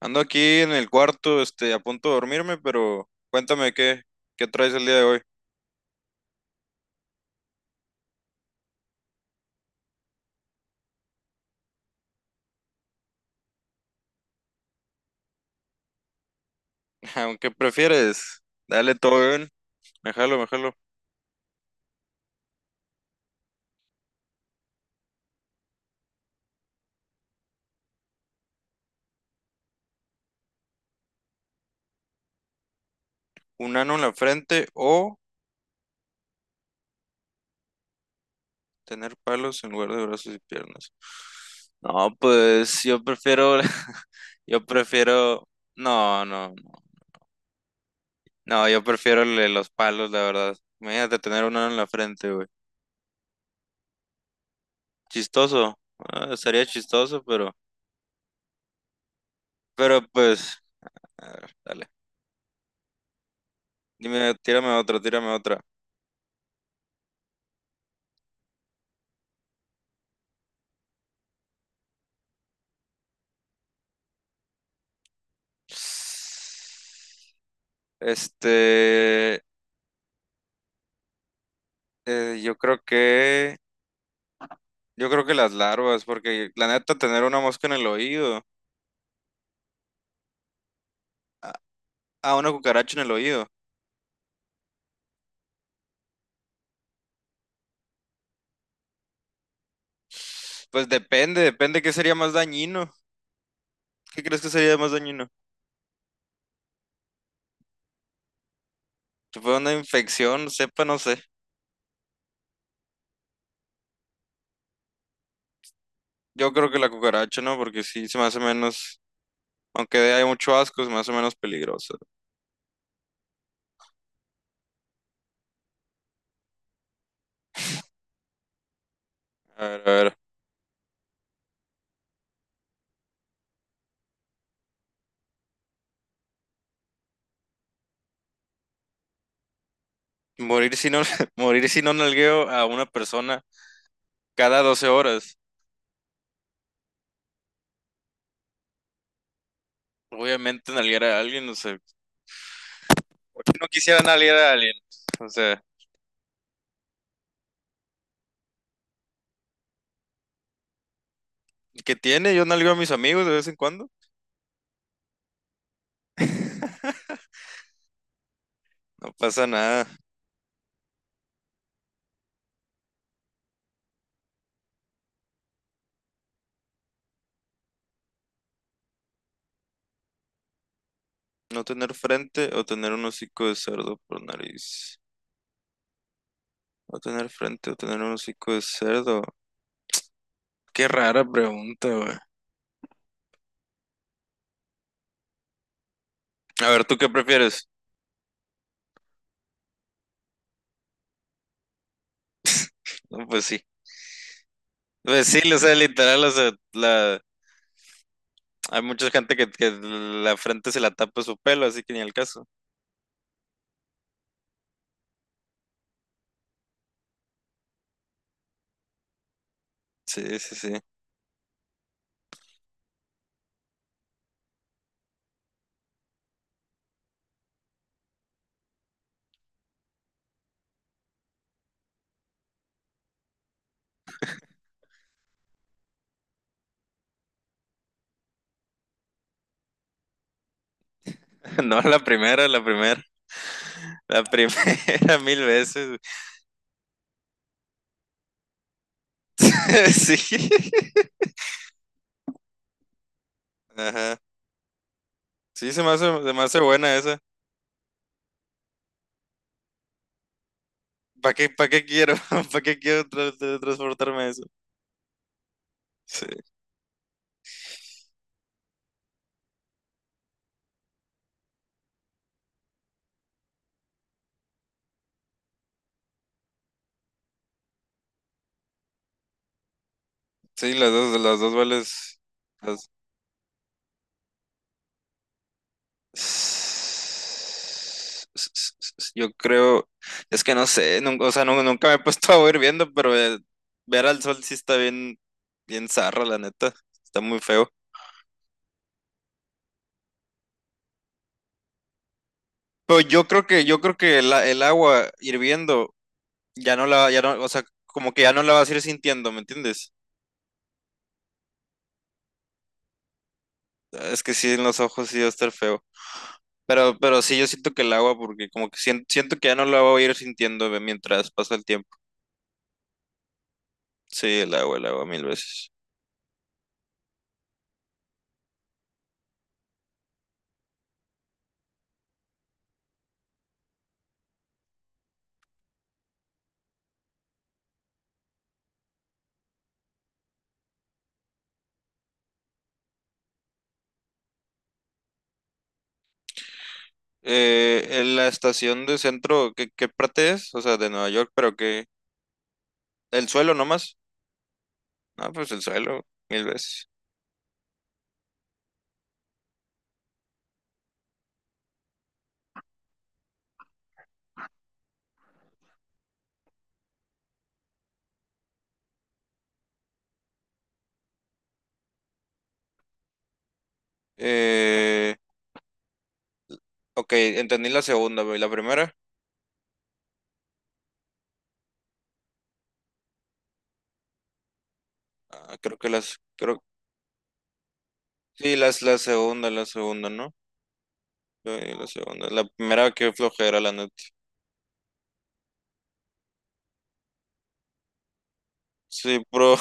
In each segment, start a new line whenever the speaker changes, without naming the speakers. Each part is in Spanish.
Ando aquí en el cuarto, a punto de dormirme, pero cuéntame qué traes el día de hoy. Aunque prefieres, dale todo bien, me jalo. Un ano en la frente o tener palos en lugar de brazos y piernas. No, pues yo prefiero, yo prefiero, no, no, no, no, yo prefiero el de los palos, la verdad. Imagínate tener un ano en la frente, güey. Chistoso, estaría chistoso, pero, a ver, dale. Dime, tírame otra. Este, eh, yo creo que, yo creo que las larvas, porque la neta tener una mosca en el oído, a, a una cucaracha en el oído, pues depende qué sería más dañino. ¿Qué crees que sería más dañino? Si fuera una infección, sepa, no sé. Yo creo que la cucaracha, ¿no? Porque sí, se me hace menos, aunque hay mucho asco, se me hace menos peligroso. A ver, a ver. Morir si no, morir si no nalgueo a una persona cada 12 horas. Obviamente nalguear a alguien, no sé. ¿Por no quisiera nalguear a alguien? O sea, ¿qué tiene? Yo nalgueo a mis amigos de vez en cuando. No pasa nada. No tener frente o tener un hocico de cerdo por nariz. No tener frente o tener un hocico de cerdo. Qué rara pregunta, güey. A ver, ¿tú qué prefieres? No, pues sí. Pues sí, o sea, literal, o sea, la... hay mucha gente que la frente se la tapa su pelo, así que ni al caso. Sí, sí, sí. No, la primera. La primera mil veces. Güey. Sí. Ajá. Sí, se me hace buena esa. ¿Para para qué quiero? ¿Para qué quiero transportarme a eso? Sí, sí, las dos vales. las- Yo creo, es que no sé, o sea, nunca me he puesto a hirviendo, pero ver al sol sí está bien zarra, la neta. Está muy feo. Pero yo creo que el agua hirviendo ya no, o sea, como que ya no la vas a ir sintiendo, ¿me entiendes? Es que sí, en los ojos sí va a estar feo. Pero sí, yo siento que el agua, porque como que siento que ya no la voy a ir sintiendo ve, mientras pasa el tiempo. Sí, el agua, mil veces. En la estación de centro, qué parte es? O sea, de Nueva York, pero que... ¿El suelo nomás? No, pues el suelo, mil veces. Eh, ok, entendí la segunda, güey. ¿La primera? Ah, creo que las... Creo, sí, la segunda, ¿no? Sí, la segunda. La primera, qué flojera, la neta. Sí, puro,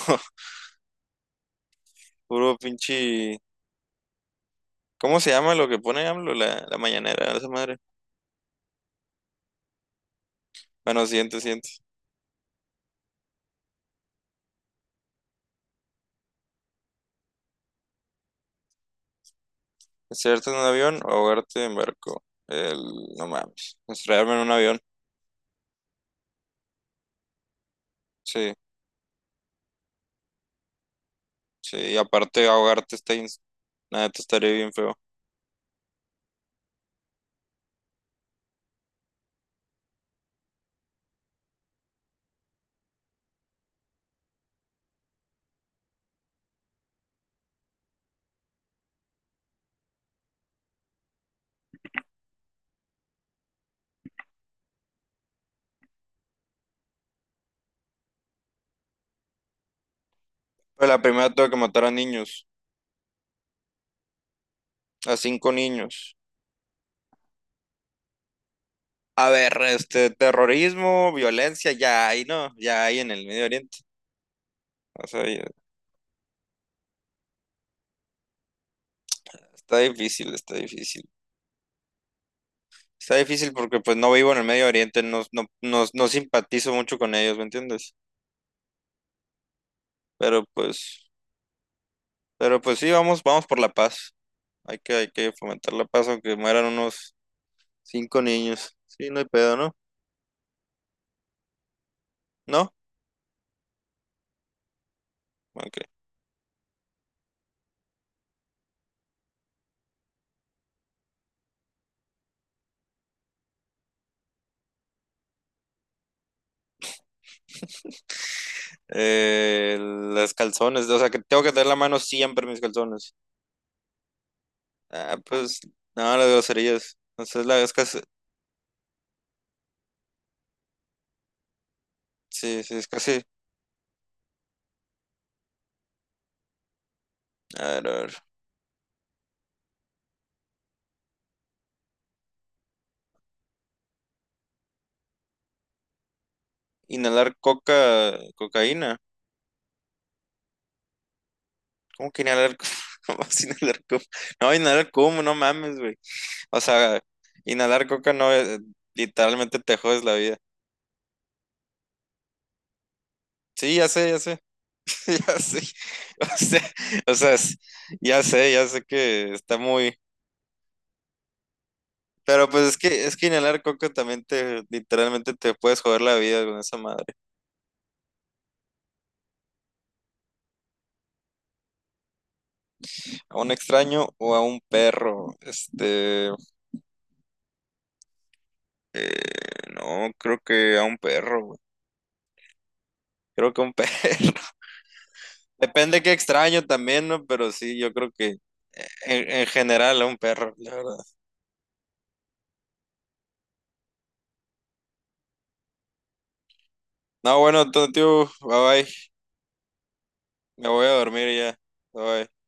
puro pinche... ¿Cómo se llama lo que pone AMLO? La mañanera, esa madre. Bueno, siguiente. ¿Estrellarte en un avión o ahogarte en barco? No mames. Estrellarme en un avión. Sí, sí. Y aparte, ahogarte está, nada, te estaría bien feo. Pero la primera tuve que matar a niños. A 5 niños. A ver, este, terrorismo, violencia, ya hay, ¿no? Ya hay en el Medio Oriente. O sea, está está difícil. Está difícil porque pues no vivo en el Medio Oriente, no, no, no, no simpatizo mucho con ellos, ¿me entiendes? Pero pues... Pero pues sí, vamos por la paz. Hay que fomentar la paz, aunque mueran unos 5 niños. Sí, no hay pedo, ¿no? ¿No? Ok. Las calzones, o sea, que tengo que tener la mano siempre en mis calzones. Ah, pues, no, las groserías. Entonces, la es casi, sí, sí, es casi. A ver, a ver. Inhalar coca, cocaína. ¿Cómo que inhalar? ¿Cómo vas inhalar coca? No, inhalar como, no mames, güey. O sea, inhalar coca no, literalmente te jodes la vida. Sí, ya sé. Ya sé, o sea, o sea, es- ya sé que está muy, pero pues es que inhalar coca también te literalmente te puedes joder la vida con esa madre. A un extraño o a un perro, eh, no, creo que a un perro, güey. Creo que a un perro. Depende qué extraño también, ¿no? Pero sí, yo creo que en general a un perro, la verdad. No, bueno, tío, bye bye. Me voy a dormir ya. Bye, bye.